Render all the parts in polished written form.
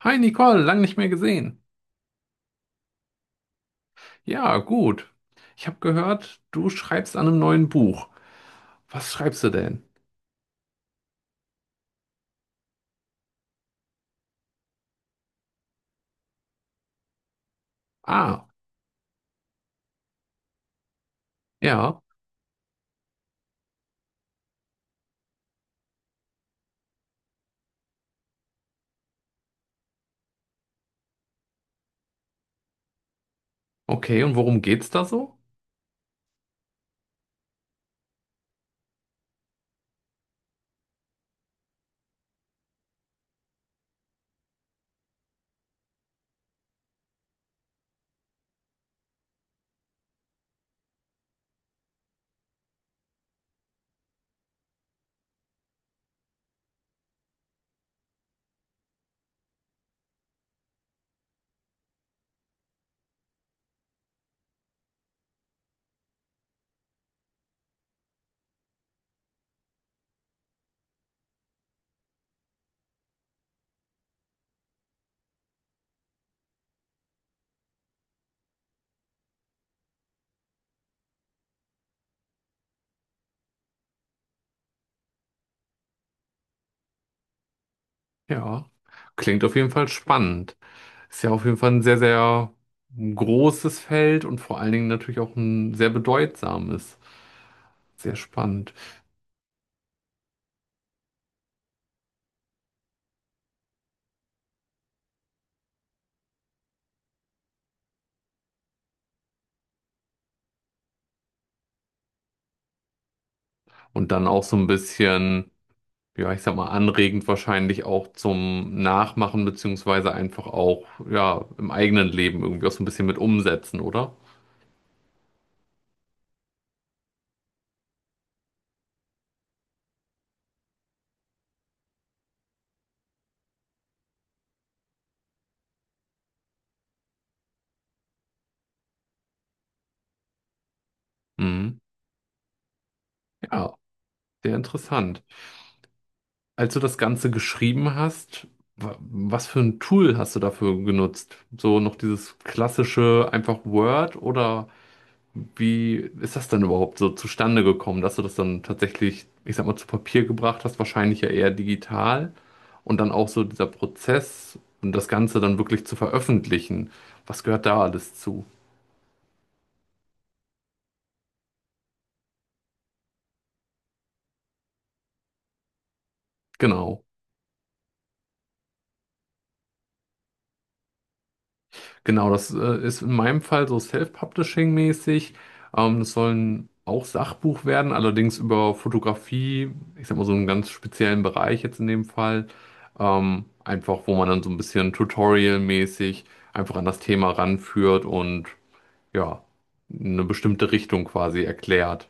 Hi Nicole, lang nicht mehr gesehen. Ja, gut. Ich habe gehört, du schreibst an einem neuen Buch. Was schreibst du denn? Ah, ja, okay. Und worum geht's da so? Ja, klingt auf jeden Fall spannend. Ist ja auf jeden Fall ein sehr, sehr großes Feld und vor allen Dingen natürlich auch ein sehr bedeutsames. Sehr spannend. Und dann auch so ein bisschen, ja, ich sag mal, anregend wahrscheinlich auch zum Nachmachen, beziehungsweise einfach auch, ja, im eigenen Leben irgendwie auch so ein bisschen mit umsetzen, oder? Mhm. Ja, sehr interessant. Als du das Ganze geschrieben hast, was für ein Tool hast du dafür genutzt? So noch dieses klassische einfach Word oder wie ist das denn überhaupt so zustande gekommen, dass du das dann tatsächlich, ich sag mal, zu Papier gebracht hast, wahrscheinlich ja eher digital, und dann auch so dieser Prozess und das Ganze dann wirklich zu veröffentlichen? Was gehört da alles zu? Genau. Genau, das ist in meinem Fall so Self-Publishing-mäßig. Das soll ein auch Sachbuch werden, allerdings über Fotografie, ich sag mal so einen ganz speziellen Bereich jetzt in dem Fall. Einfach, wo man dann so ein bisschen Tutorial-mäßig einfach an das Thema ranführt und ja, eine bestimmte Richtung quasi erklärt.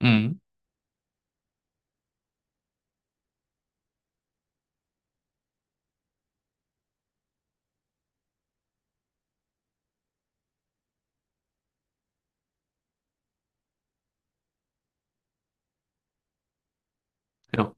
Mhm. Ja.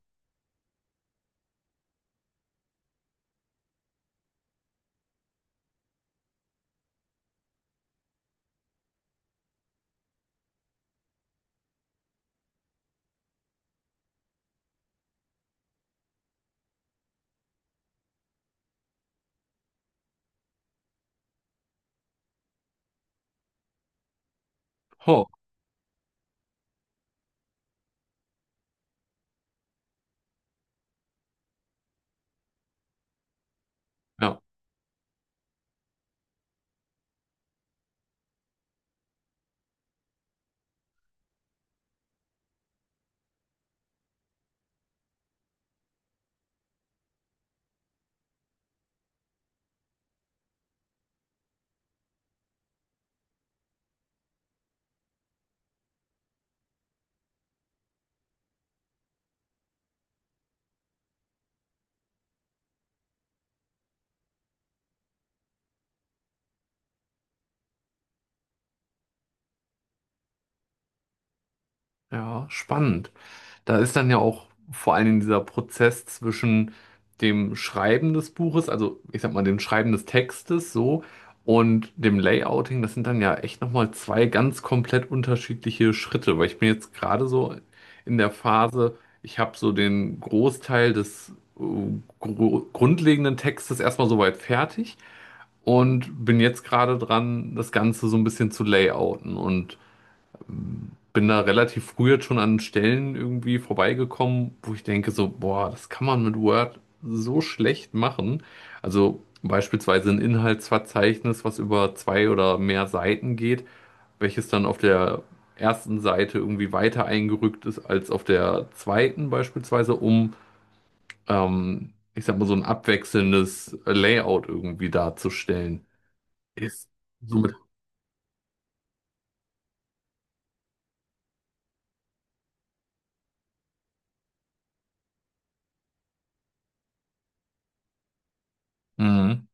Oh, ja. Ja, spannend. Da ist dann ja auch vor allen Dingen dieser Prozess zwischen dem Schreiben des Buches, also ich sag mal dem Schreiben des Textes so und dem Layouting. Das sind dann ja echt nochmal zwei ganz komplett unterschiedliche Schritte, weil ich bin jetzt gerade so in der Phase, ich habe so den Großteil des äh, grundlegenden Textes erstmal soweit fertig und bin jetzt gerade dran, das Ganze so ein bisschen zu layouten, und bin da relativ früh jetzt schon an Stellen irgendwie vorbeigekommen, wo ich denke so, boah, das kann man mit Word so schlecht machen. Also beispielsweise ein Inhaltsverzeichnis, was über zwei oder mehr Seiten geht, welches dann auf der ersten Seite irgendwie weiter eingerückt ist als auf der zweiten beispielsweise, um, ich sag mal, so ein abwechselndes Layout irgendwie darzustellen. Ist somit. Mhm.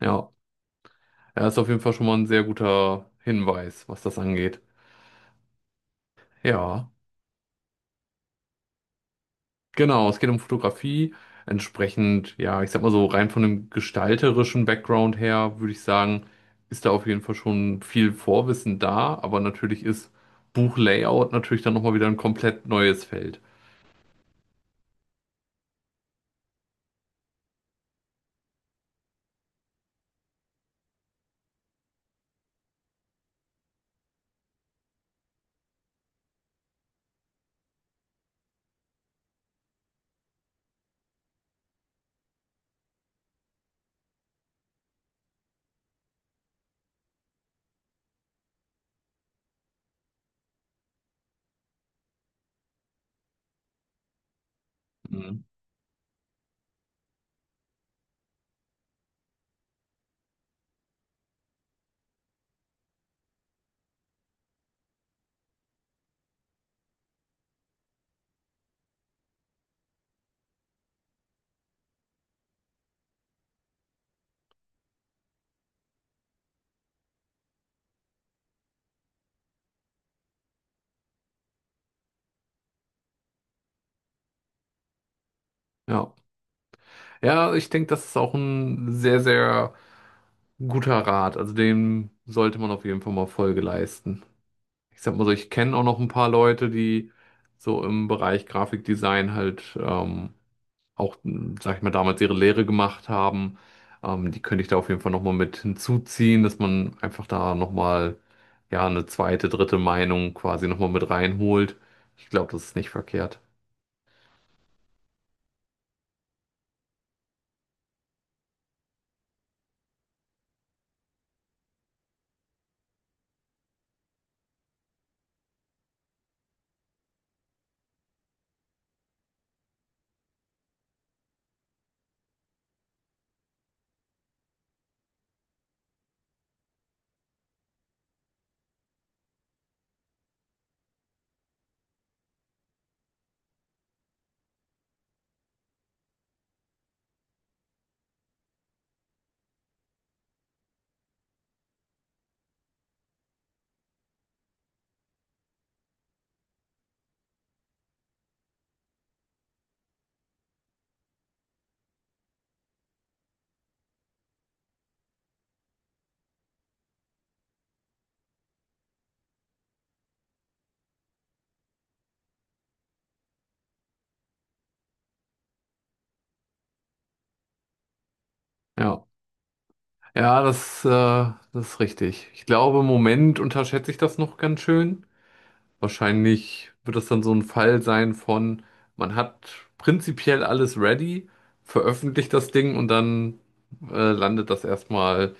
Ja. Ja, ist auf jeden Fall schon mal ein sehr guter Hinweis, was das angeht. Ja, genau, es geht um Fotografie. Entsprechend, ja, ich sag mal so, rein von dem gestalterischen Background her, würde ich sagen, ist da auf jeden Fall schon viel Vorwissen da, aber natürlich ist Buchlayout natürlich dann nochmal wieder ein komplett neues Feld. Mhm. Ja. Ja, ich denke, das ist auch ein sehr, sehr guter Rat. Also dem sollte man auf jeden Fall mal Folge leisten. Ich sag mal so, ich kenne auch noch ein paar Leute, die so im Bereich Grafikdesign halt auch, m, sag ich mal, damals ihre Lehre gemacht haben. Die könnte ich da auf jeden Fall nochmal mit hinzuziehen, dass man einfach da nochmal, ja, eine zweite, dritte Meinung quasi nochmal mit reinholt. Ich glaube, das ist nicht verkehrt. Ja, ja, das, das ist richtig. Ich glaube, im Moment unterschätze ich das noch ganz schön. Wahrscheinlich wird das dann so ein Fall sein von, man hat prinzipiell alles ready, veröffentlicht das Ding und dann landet das erstmal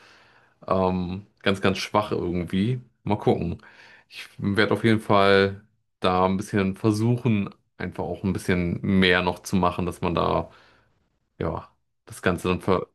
ganz, ganz schwach irgendwie. Mal gucken. Ich werde auf jeden Fall da ein bisschen versuchen, einfach auch ein bisschen mehr noch zu machen, dass man da, ja, das Ganze dann ver...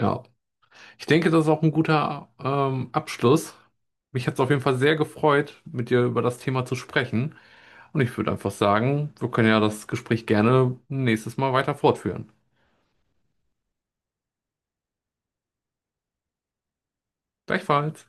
Ja, ich denke, das ist auch ein guter Abschluss. Mich hat es auf jeden Fall sehr gefreut, mit dir über das Thema zu sprechen. Und ich würde einfach sagen, wir können ja das Gespräch gerne nächstes Mal weiter fortführen. Gleichfalls.